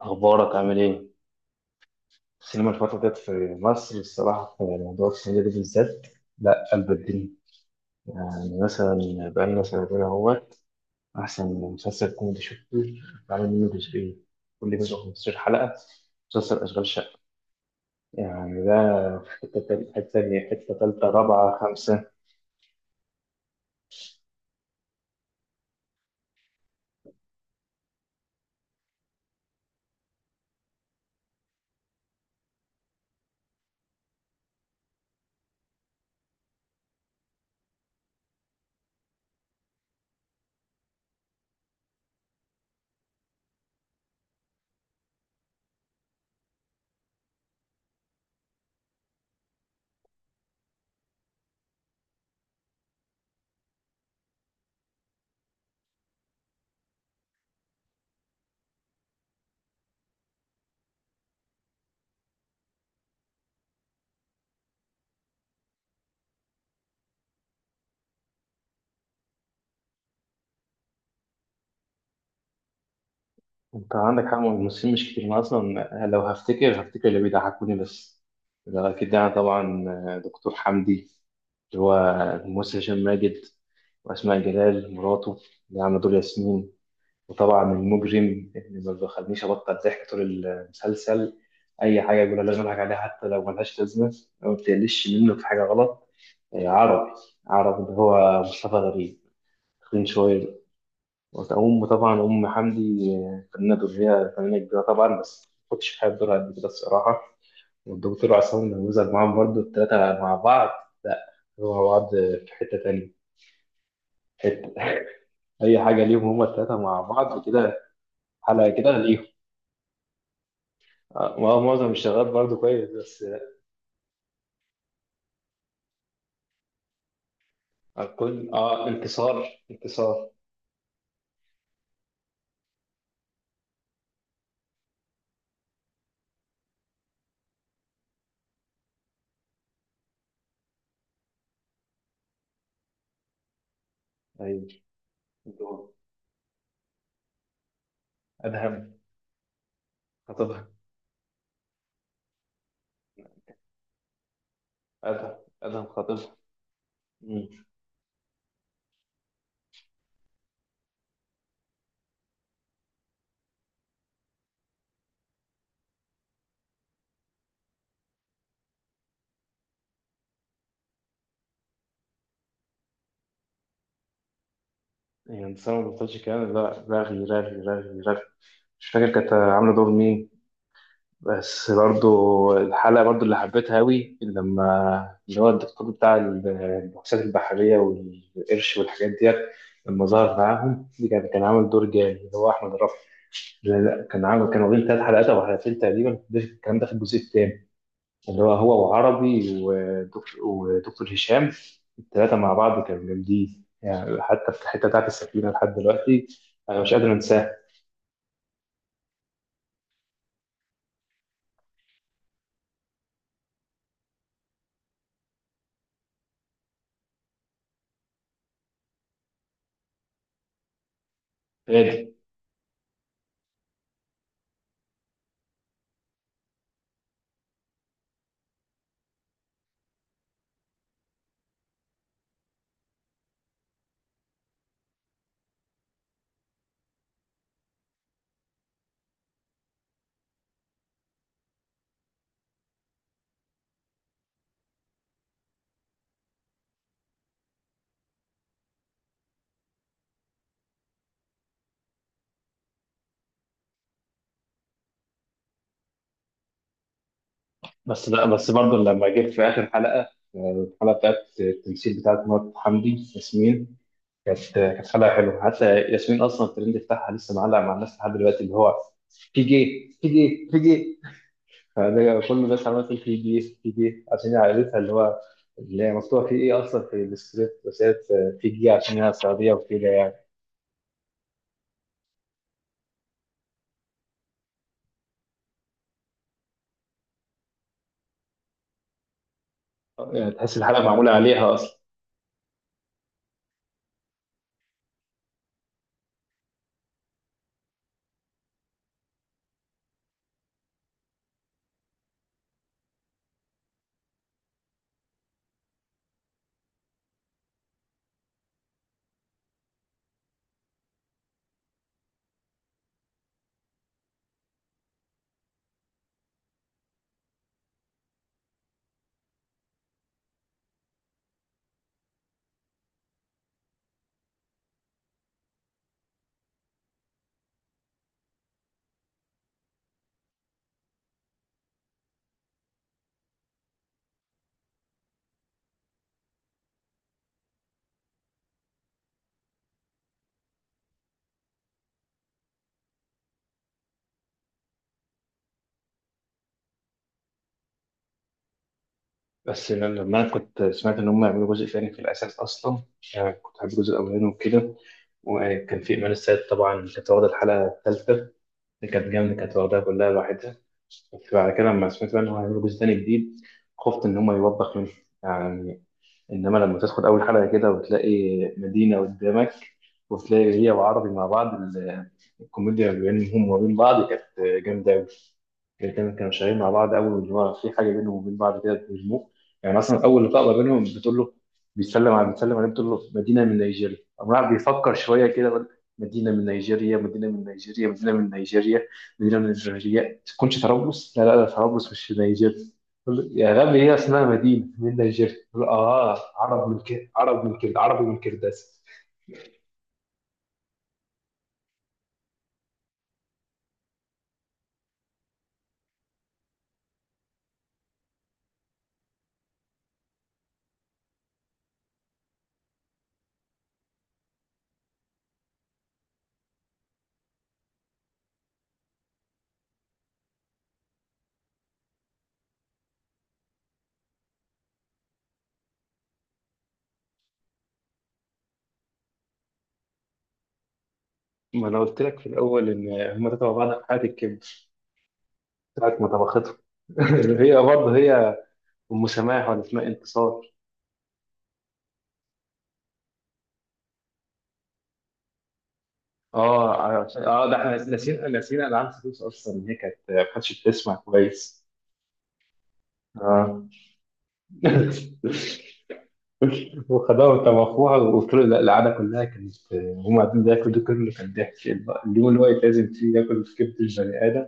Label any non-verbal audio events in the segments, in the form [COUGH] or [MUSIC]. أخبارك عامل إيه؟ السينما الفترة ديت في مصر الصراحة في موضوع السنة دي بالذات. لا قلب الدنيا، يعني مثلا بقالنا سنتين أهوت. أحسن مسلسل كوميدي شفته، بعمل منه جزئين، كل جزء 15 حلقة، مسلسل أشغال شقة. يعني ده في حتة تانية، حتة تالتة، رابعة، خمسة. أنت عندك حق، الممثلين مش كتير، أنا أصلا لو هفتكر اللي بيضحكوني بس. ده أكيد يعني طبعا دكتور حمدي، اللي هو الممثل هشام ماجد، وأسماء جلال مراته اللي عاملة دور ياسمين. وطبعا المجرم اللي ما بيخلينيش أبطل ضحك طول المسلسل، أي حاجة يقولها لازم أضحك عليها حتى لو ملهاش لازمة أو بتقلش منه في حاجة غلط. عربي، عربي اللي هو مصطفى غريب، تخين شوية. وأم طبعا أم حمدي، فنانة دورية، فنانة كبيرة طبعا، بس ما كنتش بحب دورها قد كده الصراحة. والدكتور عصام الموزع معاهم برضه، التلاتة مع بعض. لا، هو مع بعض في حتة تانية. حته [LAUGHS] اي حاجه ليهم، هما الثلاثه مع بعض كده، حلقه كده ليهم. ما هو معظم الشغال برضو كويس بس. كل انتصار. ايوه دول. ادهم خطيبها، ادهم ادهم خطيبها. مم. يعني انتصار ما بطلش كلام، لا رغي رغي رغي رغي، مش فاكر كانت عامله دور مين بس برضو. الحلقة برضو اللي حبيتها أوي لما اللي هو الدكتور بتاع البحوثات البحرية والقرش والحاجات ديت، لما ظهر معاهم دي كان عامل دور جامد، اللي هو أحمد رفعت. لا لا، كان عامل، كانوا واخدين تلات حلقات أو حلقتين تقريبا، الكلام ده في الجزء التاني، اللي هو هو وعربي ودكتور هشام، التلاتة مع بعض كانوا جامدين، يعني حتى في الحتة بتاعت السفينة لحد دلوقتي أنا مش قادر أنساها. بس لا بس برضه لما جيت في اخر حلقه، الحلقه بتاعت التمثيل بتاعت مرات حمدي ياسمين، كانت حلقه حلوه. حتى ياسمين اصلا الترند بتاعها لسه معلق مع الناس لحد دلوقتي، اللي هو في جي في جي في جي، فده كل الناس عماله تقول في جي في جي عشان هي عائلتها، اللي هو اللي هي مكتوبه في ايه اصلا في السكريبت، بس هي في جي عشان هي سعوديه وكده يعني. يعني تحس الحلقه معموله عليها اصلا. بس لما انا كنت سمعت ان هم يعملوا جزء ثاني في الاساس اصلا، يعني كنت حابب الجزء الاولاني وكده، وكان في ايمان السيد طبعا، كانت واخده الحلقه الثالثه اللي كانت جامده، كانت واخدها كلها لوحدها. بس بعد كده لما سمعت بقى ان هم هيعملوا جزء ثاني جديد، خفت ان هم يوبخ منه يعني. انما لما تدخل اول حلقه كده وتلاقي مدينه قدامك، وتلاقي هي وعربي مع بعض، الكوميديا ما بينهم وما بين بعض كانت جامده. الاتنين كانوا شغالين مع بعض اول، واللي هو في حاجه بينهم وبين بعض كده بيرموه. يعني مثلا اول لقاء بينهم بتقول له، بيتسلم عليه، بتقول له مدينه من نيجيريا، قام راح بيفكر شويه كده بيقول: مدينه من نيجيريا، مدينه من نيجيريا، مدينه من نيجيريا، مدينه من نيجيريا، ما تكونش طرابلس؟ لا لا لا، طرابلس مش في نيجيريا. يقول له: يا غبي هي اسمها مدينه من نيجيريا. يقول له: اه، عرب من كده، عرب من كده، عربي من كرداس. ما انا قلت لك في الاول ان هم تبع بعض في حياه الكبر، ساعه ما طبختهم [LAUGHS] هي برضه هي ام سماح، ولا اسمها انتصار؟ اه ده احنا ناسيين العاب فلوس اصلا، ان هي ما كانتش بتسمع كويس. اه [LAUGHS] وخدوها وطبخوها، وقلت له لا، القعده كلها كانت، هم قاعدين بياكلوا ده كله كان ضحك، اليوم اللي هو يتلازم فيه ياكل في كبد البني ادم.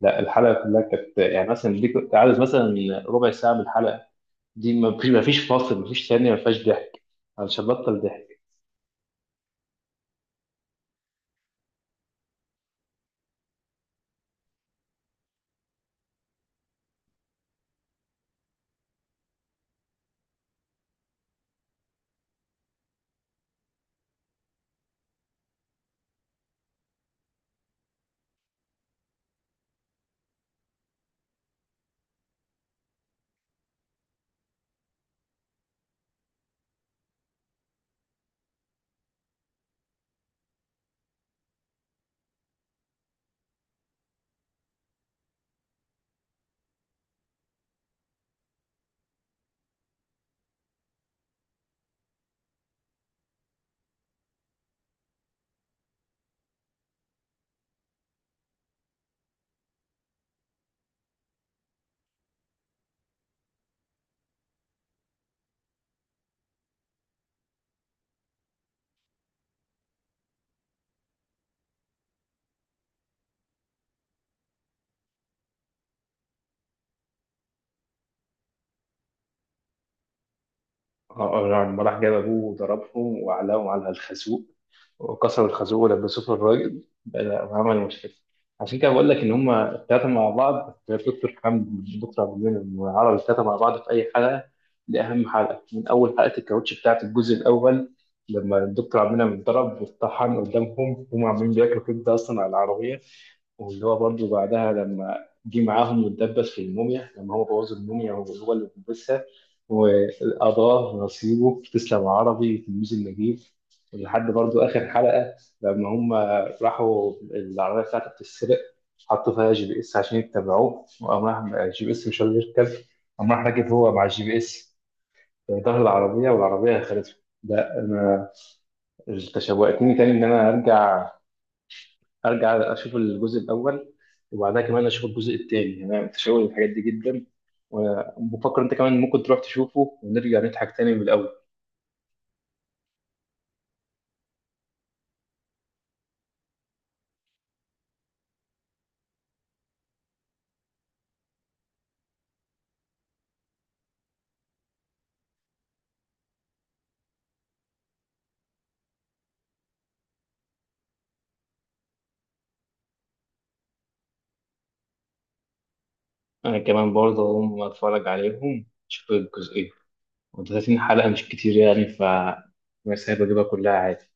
لا الحلقه كلها كانت، يعني مثلا دي كنت عايز مثلا ربع ساعه من الحلقه دي، ما فيش فاصل، ما فيش ثانيه ما فيهاش ضحك، علشان بطل ضحك. لما راح جاب أبوه وضربهم وعلقهم على الخازوق، وكسر الخازوق ولبسوه في الراجل بقى- وعمل مشكلة. عشان كده بقول لك إن هما التلاتة مع بعض، دكتور حمد، دكتور عبد المنعم، وعرب، التلاتة مع بعض في أي حلقة. دي أهم حلقة، من أول حلقة الكاوتش بتاعة الجزء الأول لما الدكتور عبد المنعم اتضرب واتطحن قدامهم، هما عاملين بياكلوا كبدة أصلا على العربية. واللي هو برضه بعدها، لما جه معاهم واتدبس في الموميا، لما هو بوظ الموميا وهو اللي لبسها، قضاه نصيبه، تسلم يا عربي تلميذ النجيب. لحد برضو آخر حلقة لما هم راحوا العربية بتاعته بتتسرق، حطوا فيها GPS عشان يتبعوه، وقام راح الGPS مش قادر يركب، قام راح راكب هو مع الGPS في ظهر العربية، والعربية خدته. ده أنا تشوقتني تاني إن أنا أرجع أشوف الجزء الأول، وبعدها كمان أشوف الجزء التاني، يعني أنا متشوق للحاجات دي جدا. وبفكر أنت كمان ممكن تروح تشوفه ونرجع نضحك تاني من الأول. انا كمان برضه هقوم اتفرج عليهم، اشوف الجزئين. و30 حلقة مش كتير يعني، ف بس هجيبها كلها عادي.